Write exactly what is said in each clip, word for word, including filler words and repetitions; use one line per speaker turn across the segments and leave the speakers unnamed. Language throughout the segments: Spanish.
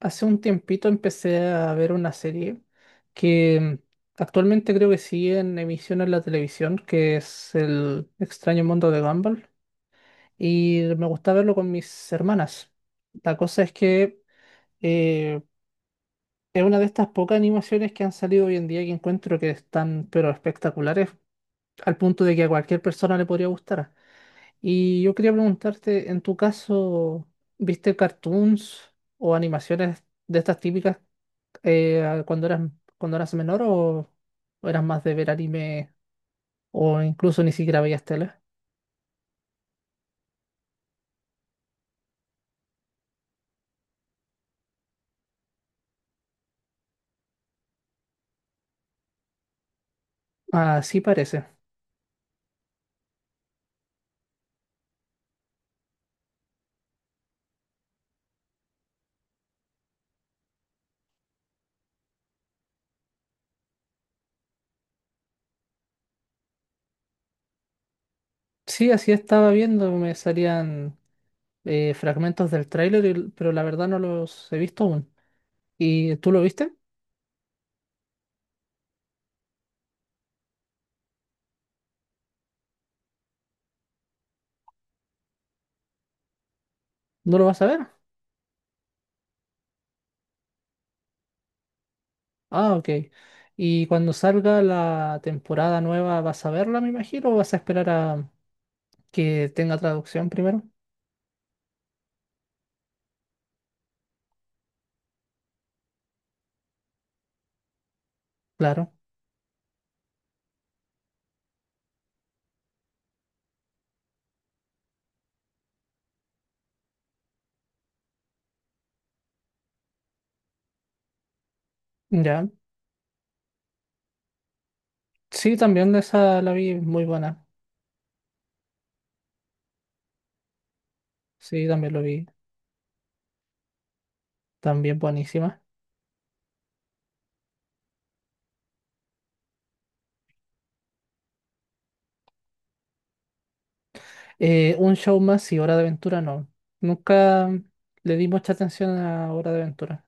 Hace un tiempito empecé a ver una serie que actualmente creo que sigue en emisión en la televisión, que es El extraño mundo de Gumball, y me gusta verlo con mis hermanas. La cosa es que eh, es una de estas pocas animaciones que han salido hoy en día que encuentro que están pero espectaculares, al punto de que a cualquier persona le podría gustar. Y yo quería preguntarte, en tu caso, ¿viste cartoons o animaciones de estas típicas? eh, cuando eras, cuando eras menor o, o eras más de ver anime o incluso ni siquiera veías tele? Así parece. Sí, así estaba viendo, me salían eh, fragmentos del tráiler, y- pero la verdad no los he visto aún. ¿Y tú lo viste? ¿No lo vas a ver? Ah, ok. ¿Y cuando salga la temporada nueva vas a verla, me imagino, o vas a esperar a que tenga traducción primero? Claro. Ya. Sí, también esa la vi muy buena. Sí, también lo vi. También buenísima. Eh, un show más y Hora de Aventura no. Nunca le di mucha atención a Hora de Aventura.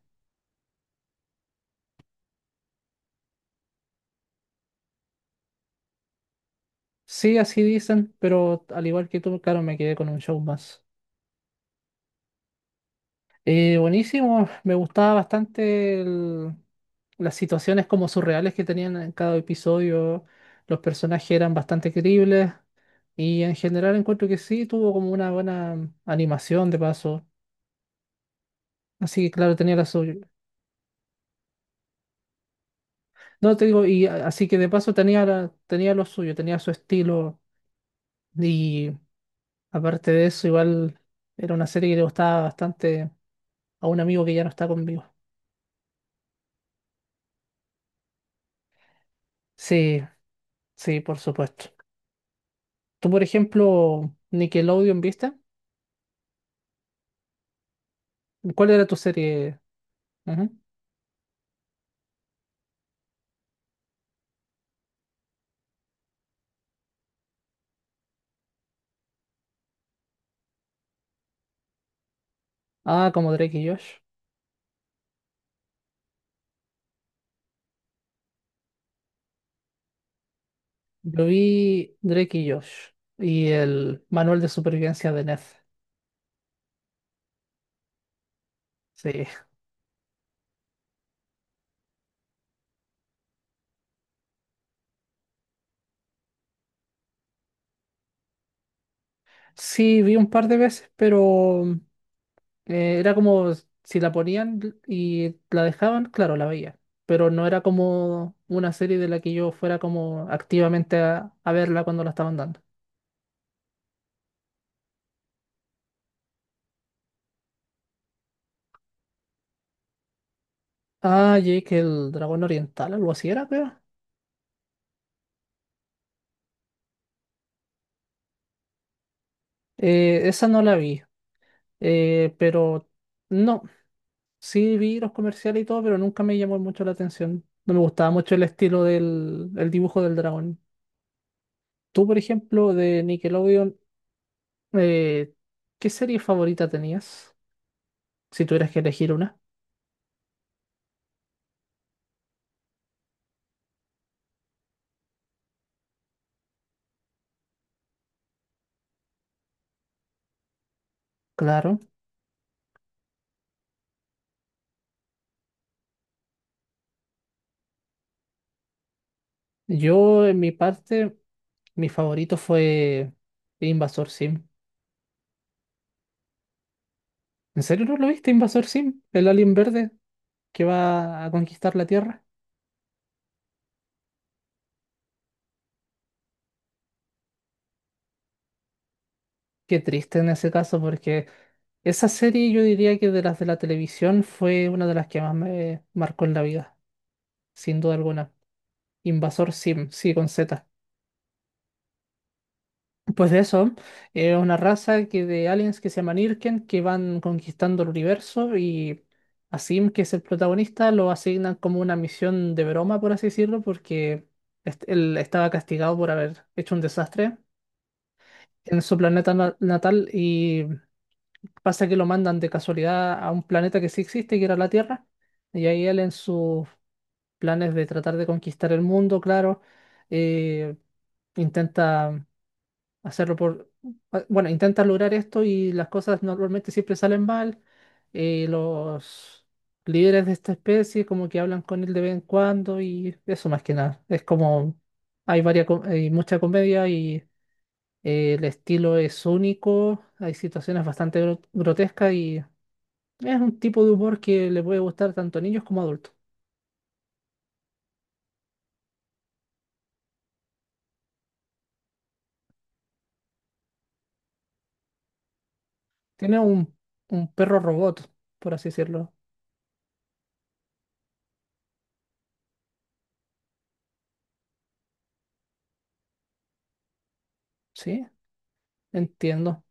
Sí, así dicen, pero al igual que tú, claro, me quedé con un show más. Eh, buenísimo, me gustaba bastante el- las situaciones como surreales que tenían en cada episodio. Los personajes eran bastante creíbles y en general encuentro que sí, tuvo como una buena animación de paso. Así que claro, tenía la suyo. No, te digo, y a- así que de paso tenía, la- tenía lo suyo, tenía su estilo. Y aparte de eso, igual era una serie que le gustaba bastante a un amigo que ya no está conmigo. Sí, sí, por supuesto. Tú, por ejemplo, Nickelodeon, ¿viste? ¿Cuál era tu serie? Ujú. Ah, como Drake y Josh. Yo vi Drake y Josh y el Manual de Supervivencia de Ned. Sí. Sí, vi un par de veces, pero Eh, era como si la ponían y la dejaban, claro, la veía. Pero no era como una serie de la que yo fuera como activamente a, a verla cuando la estaban dando. Ah, Jake, el dragón oriental, algo así era, creo. Eh, esa no la vi. Eh, pero no, sí vi los comerciales y todo, pero nunca me llamó mucho la atención. No me gustaba mucho el estilo del el dibujo del dragón. Tú, por ejemplo, de Nickelodeon, eh, ¿qué serie favorita tenías? Si tuvieras que elegir una. Claro. Yo, en mi parte, mi favorito fue Invasor Sim. ¿En serio no lo viste, Invasor Sim? El alien verde que va a conquistar la Tierra. Qué triste en ese caso, porque esa serie yo diría que de las de la televisión fue una de las que más me marcó en la vida, sin duda alguna. Invasor Sim, sí, con Z. Pues de eso, es una raza que de aliens que se llaman Irken, que van conquistando el universo y a Sim, que es el protagonista, lo asignan como una misión de broma, por así decirlo, porque est- él estaba castigado por haber hecho un desastre en su planeta na- natal y pasa que lo mandan de casualidad a un planeta que sí existe, que era la Tierra, y ahí él en sus planes de tratar de conquistar el mundo, claro, eh, intenta hacerlo por, a- bueno, intentas lograr esto y las cosas normalmente siempre salen mal. Eh, los líderes de esta especie como que hablan con él de vez en cuando y eso más que nada. Es como hay varias, co- hay mucha comedia y eh, el estilo es único, hay situaciones bastante gro- grotescas y es un tipo de humor que le puede gustar tanto a niños como a adultos. Tiene un, un perro robot, por así decirlo. Sí, entiendo.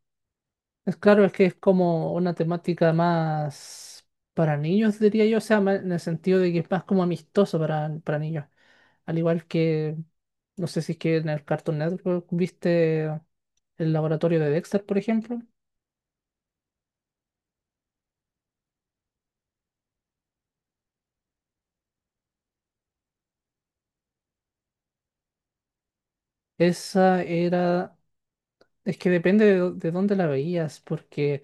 Es claro, es que es como una temática más para niños, diría yo, o sea, ma- en el sentido de que es más como amistoso para, para niños. Al igual que, no sé si es que en el Cartoon Network viste el laboratorio de Dexter, por ejemplo. Esa era, es que depende de, do- de dónde la veías, porque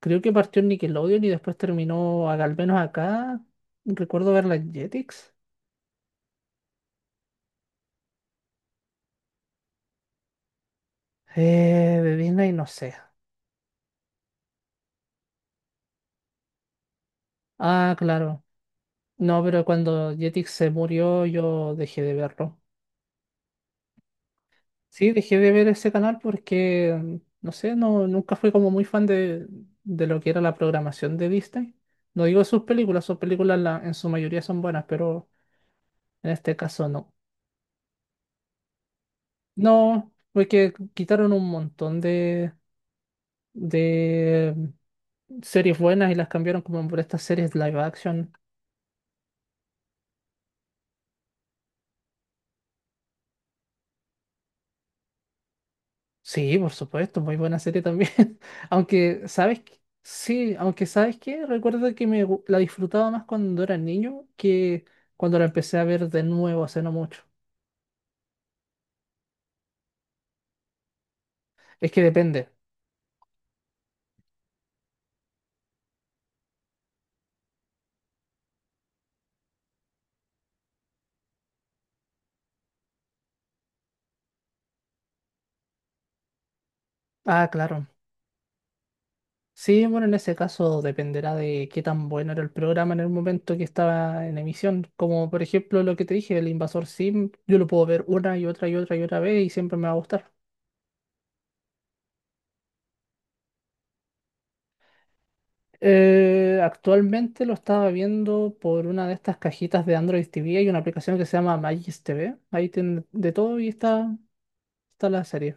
creo que partió en Nickelodeon y después terminó, a- al menos acá, recuerdo verla en Jetix. Eh, de Disney, no sé. Ah, claro. No, pero cuando Jetix se murió yo dejé de verlo. Sí, dejé de ver ese canal porque, mm, no sé, no, nunca fui como muy fan de, de lo que era la programación de Disney. No digo sus películas, sus películas la- en su mayoría son buenas, pero en este caso no. No, porque quitaron un montón de, de mm, series buenas y las cambiaron como por estas series live action. Sí, por supuesto, muy buena serie también. Aunque, ¿sabes qué? Sí, aunque, ¿sabes qué? Recuerdo que me gu- la disfrutaba más cuando era niño que cuando la empecé a ver de nuevo hace no mucho. Es que depende. Ah, claro. Sí, bueno, en ese caso dependerá de qué tan bueno era el programa en el momento que estaba en emisión. Como por ejemplo lo que te dije, El Invasor Sim, yo lo puedo ver una y otra y otra y otra vez y siempre me va a gustar. Eh, actualmente lo estaba viendo por una de estas cajitas de Android T V. Hay una aplicación que se llama Magis T V. Ahí tiene de todo y está, está la serie.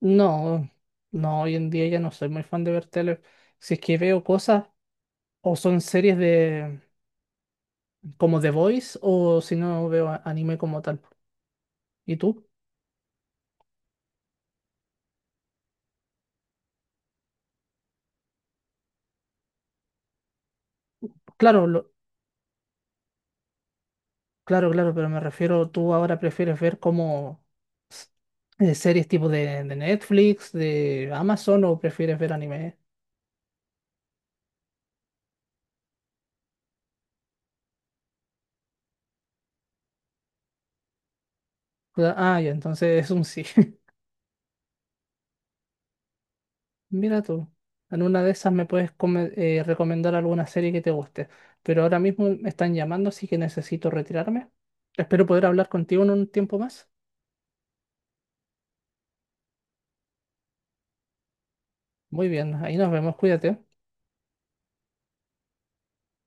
No, no, hoy en día ya no soy muy fan de ver tele. Si es que veo cosas, o son series de como The Voice, o si no veo a- anime como tal. ¿Y tú? Claro, lo- claro, claro, pero me refiero, tú ahora prefieres ver como s- eh, series tipo de, de Netflix, de Amazon, o prefieres ver anime. Cla- Ah, ya, entonces es un sí. Mira tú, en una de esas me puedes come- eh, recomendar alguna serie que te guste, pero ahora mismo me están llamando, así que necesito retirarme. Espero poder hablar contigo en un tiempo más. Muy bien, ahí nos vemos, cuídate.